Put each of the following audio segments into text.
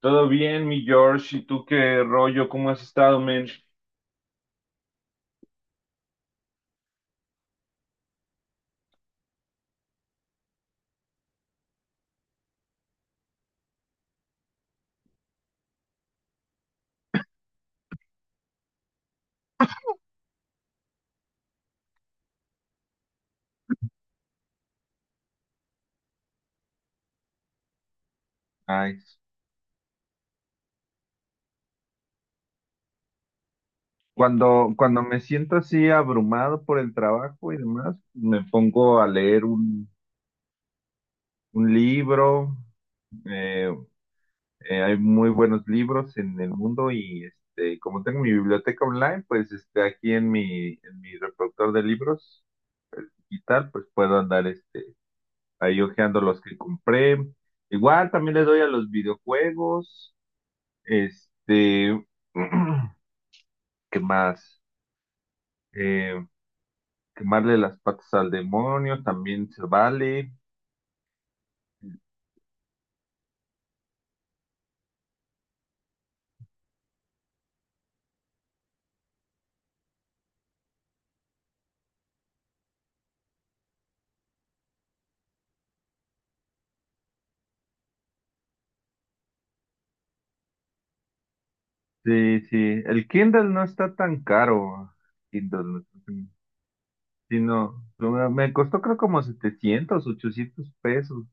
Todo bien, mi George. ¿Y tú qué rollo? ¿Cómo has estado, men? Ay, cuando me siento así abrumado por el trabajo y demás, me pongo a leer un libro. eh, Hay muy buenos libros en el mundo y este, como tengo mi biblioteca online, pues este, aquí en mi reproductor de libros digital, pues puedo andar este, ahí hojeando los que compré. Igual también le doy a los videojuegos. Este, ¿qué más? Eh, Quemarle las patas al demonio también se vale. Sí, sí. El Kindle no está tan caro. Kindle, no está tan- Sí, no. Me costó creo como 700 800 pesos.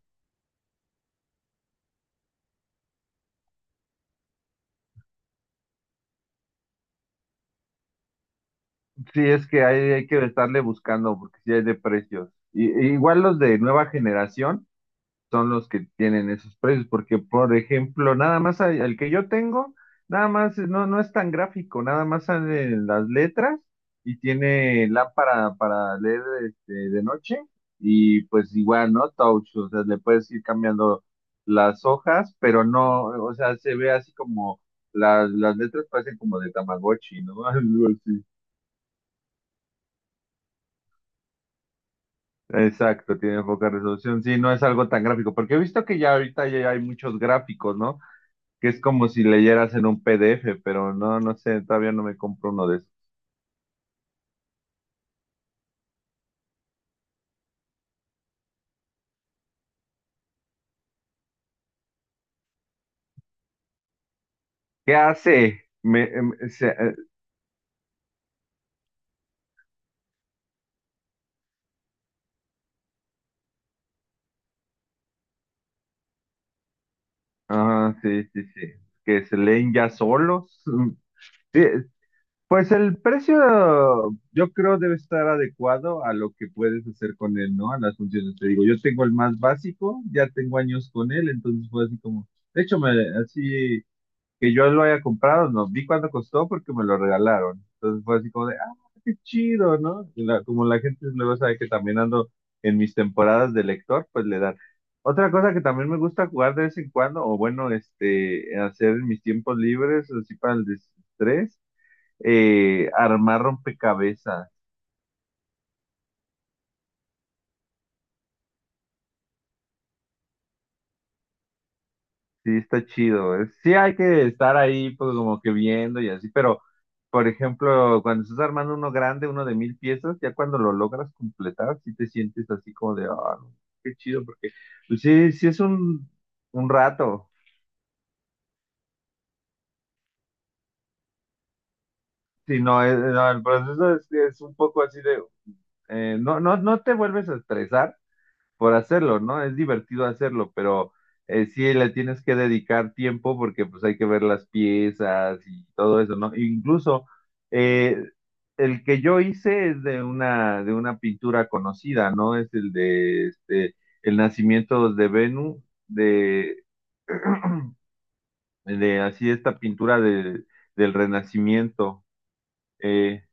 Sí, es que hay que estarle buscando porque sí hay de precios. E igual los de nueva generación. Son los que tienen esos precios, porque por ejemplo, nada más hay- el que yo tengo, nada más no, no es tan gráfico, nada más salen las letras y tiene lámpara para leer este, de noche y pues igual, ¿no? Touch, o sea, le puedes ir cambiando las hojas, pero no, o sea, se ve así como las letras parecen como de Tamagotchi, ¿no? Algo así. Exacto, tiene poca resolución. Sí, no es algo tan gráfico, porque he visto que ya ahorita ya hay muchos gráficos, ¿no? Que es como si leyeras en un PDF, pero no, no sé, todavía no me compro uno de esos. ¿Qué hace? Ah, sí, sí, sí, que se leen ya solos. Mm, sí, pues el precio yo creo debe estar adecuado a lo que puedes hacer con él, ¿no? A las funciones. Te digo, yo tengo el más básico, ya tengo años con él, entonces fue así como, de hecho, así que yo lo haya comprado, no vi cuánto costó porque me lo regalaron. Entonces fue así como de, ah, qué chido, ¿no? Como la gente luego sabe que también ando en mis temporadas de lector, pues le dan. Otra cosa que también me gusta jugar de vez en cuando, o bueno, este, hacer en mis tiempos libres, así para el desestrés, armar rompecabezas. Sí, está chido. Sí hay que estar ahí, pues como que viendo y así, pero por ejemplo, cuando estás armando uno grande, uno de 1,000 piezas, ya cuando lo logras completar, sí te sientes así como de, ah, no, qué chido, porque pues sí, sí es un rato. Sí, no, no, el proceso es un poco así de, no, no, no te vuelves a estresar por hacerlo, ¿no? Es divertido hacerlo, pero sí le tienes que dedicar tiempo porque pues hay que ver las piezas y todo eso, ¿no? Incluso eh, el que yo hice es de una pintura conocida, ¿no? Es el de este, El nacimiento de Venus, de, de así esta pintura del Renacimiento. eh,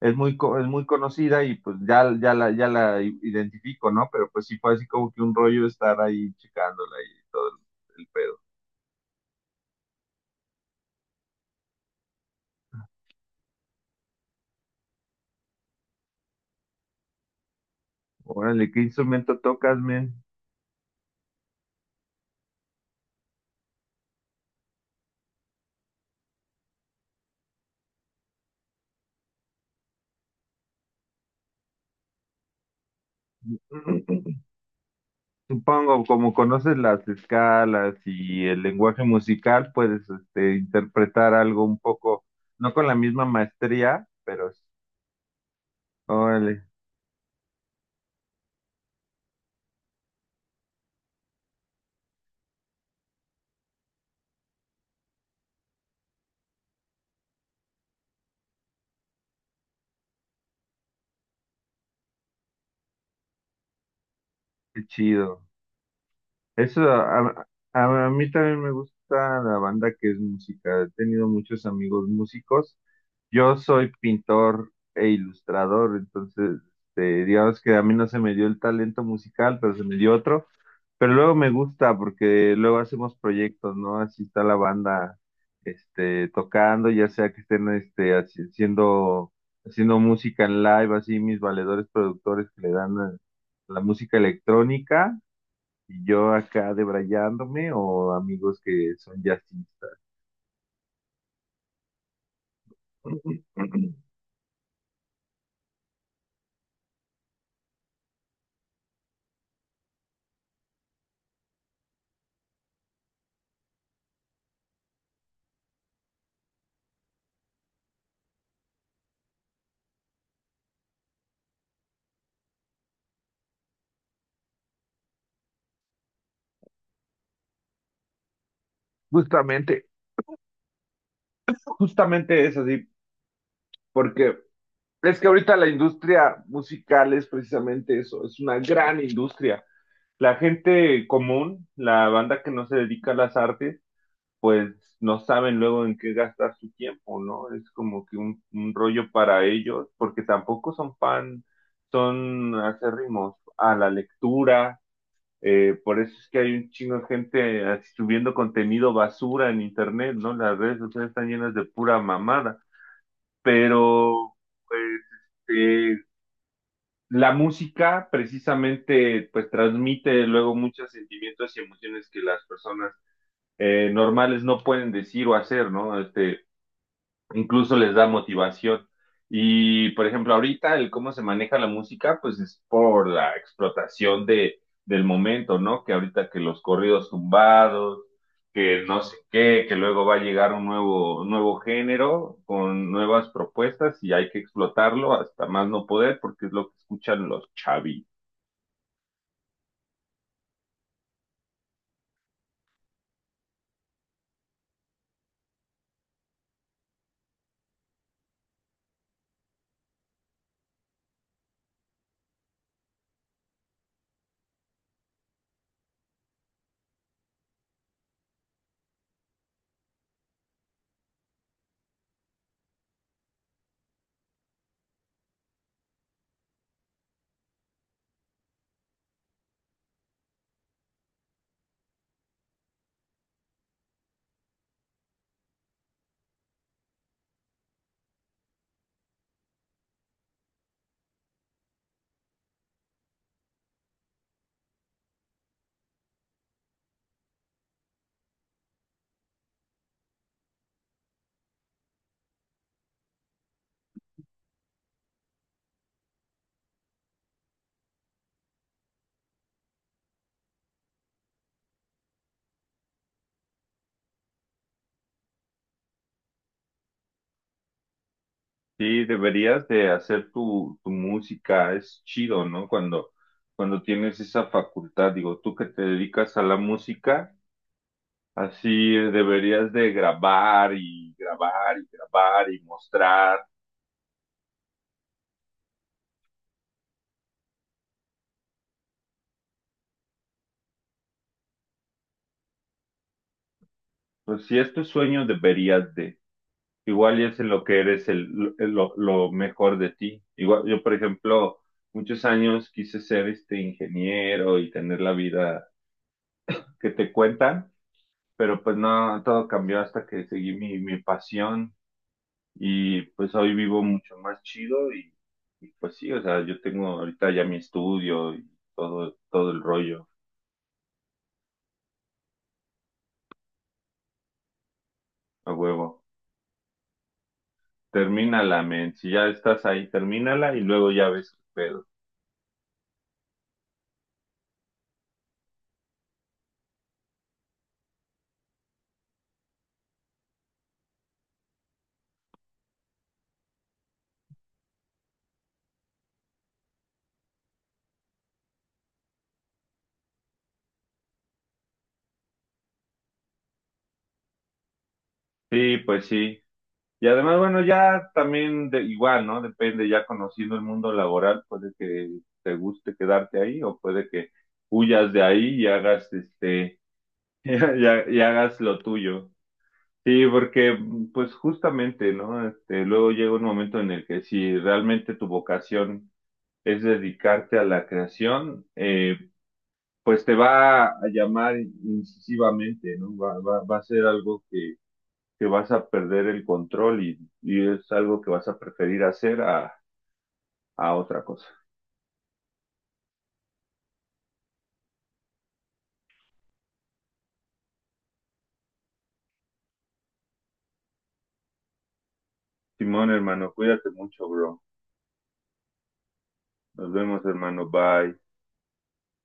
es muy conocida y pues ya la identifico, ¿no? Pero pues sí fue así como que un rollo estar ahí checándola y todo el pedo. Órale, ¿qué instrumento tocas, men? Supongo, como conoces las escalas y el lenguaje musical, puedes este, interpretar algo un poco, no con la misma maestría, pero órale, qué chido. Eso, a mí también me gusta la banda que es música. He tenido muchos amigos músicos. Yo soy pintor e ilustrador, entonces, este, digamos que a mí no se me dio el talento musical, pero se me dio otro. Pero luego me gusta porque luego hacemos proyectos, ¿no? Así está la banda, este, tocando, ya sea que estén, este, haciendo música en live, así mis valedores productores que le dan la música electrónica, y yo acá debrayándome o amigos que son jazzistas. Justamente, justamente es así, porque es que ahorita la industria musical es precisamente eso, es una gran industria. La gente común, la banda que no se dedica a las artes, pues no saben luego en qué gastar su tiempo, ¿no? Es como que un rollo para ellos, porque tampoco son fan, son acérrimos a la lectura. Por eso es que hay un chingo de gente así subiendo contenido basura en internet, ¿no? Las redes sociales están llenas de pura mamada, pero pues este, la música precisamente pues transmite luego muchos sentimientos y emociones que las personas normales no pueden decir o hacer, ¿no? Este, incluso les da motivación. Y, por ejemplo, ahorita el cómo se maneja la música pues es por la explotación del momento, ¿no? Que ahorita que los corridos tumbados, que no sé qué, que luego va a llegar un nuevo, nuevo género con nuevas propuestas y hay que explotarlo hasta más no poder porque es lo que escuchan los chavis. Sí, deberías de hacer tu música, es chido, ¿no? Cuando tienes esa facultad, digo, tú que te dedicas a la música. Así deberías de grabar y grabar y grabar y mostrar. Pues si es tu sueño, deberías de. Igual y es en lo que eres lo mejor de ti. Igual, yo, por ejemplo, muchos años quise ser este ingeniero y tener la vida que te cuentan, pero pues no, todo cambió hasta que seguí mi pasión y pues hoy vivo mucho más chido y pues sí, o sea, yo tengo ahorita ya mi estudio y todo, todo el rollo. A huevo. Termínala, men. Si ya estás ahí, termínala y luego ya ves qué pedo. Sí, pues sí. Y además, bueno, ya también de, igual, ¿no? Depende, ya conociendo el mundo laboral, puede que te guste quedarte ahí o puede que huyas de ahí y hagas este, y, y hagas lo tuyo. Sí, porque pues justamente, ¿no? Este, luego llega un momento en el que si realmente tu vocación es dedicarte a la creación, pues te va a llamar incisivamente, ¿no? Va a ser algo que vas a perder el control, y es algo que vas a preferir hacer a otra cosa. Simón, hermano, cuídate mucho, bro. Nos vemos, hermano. Bye.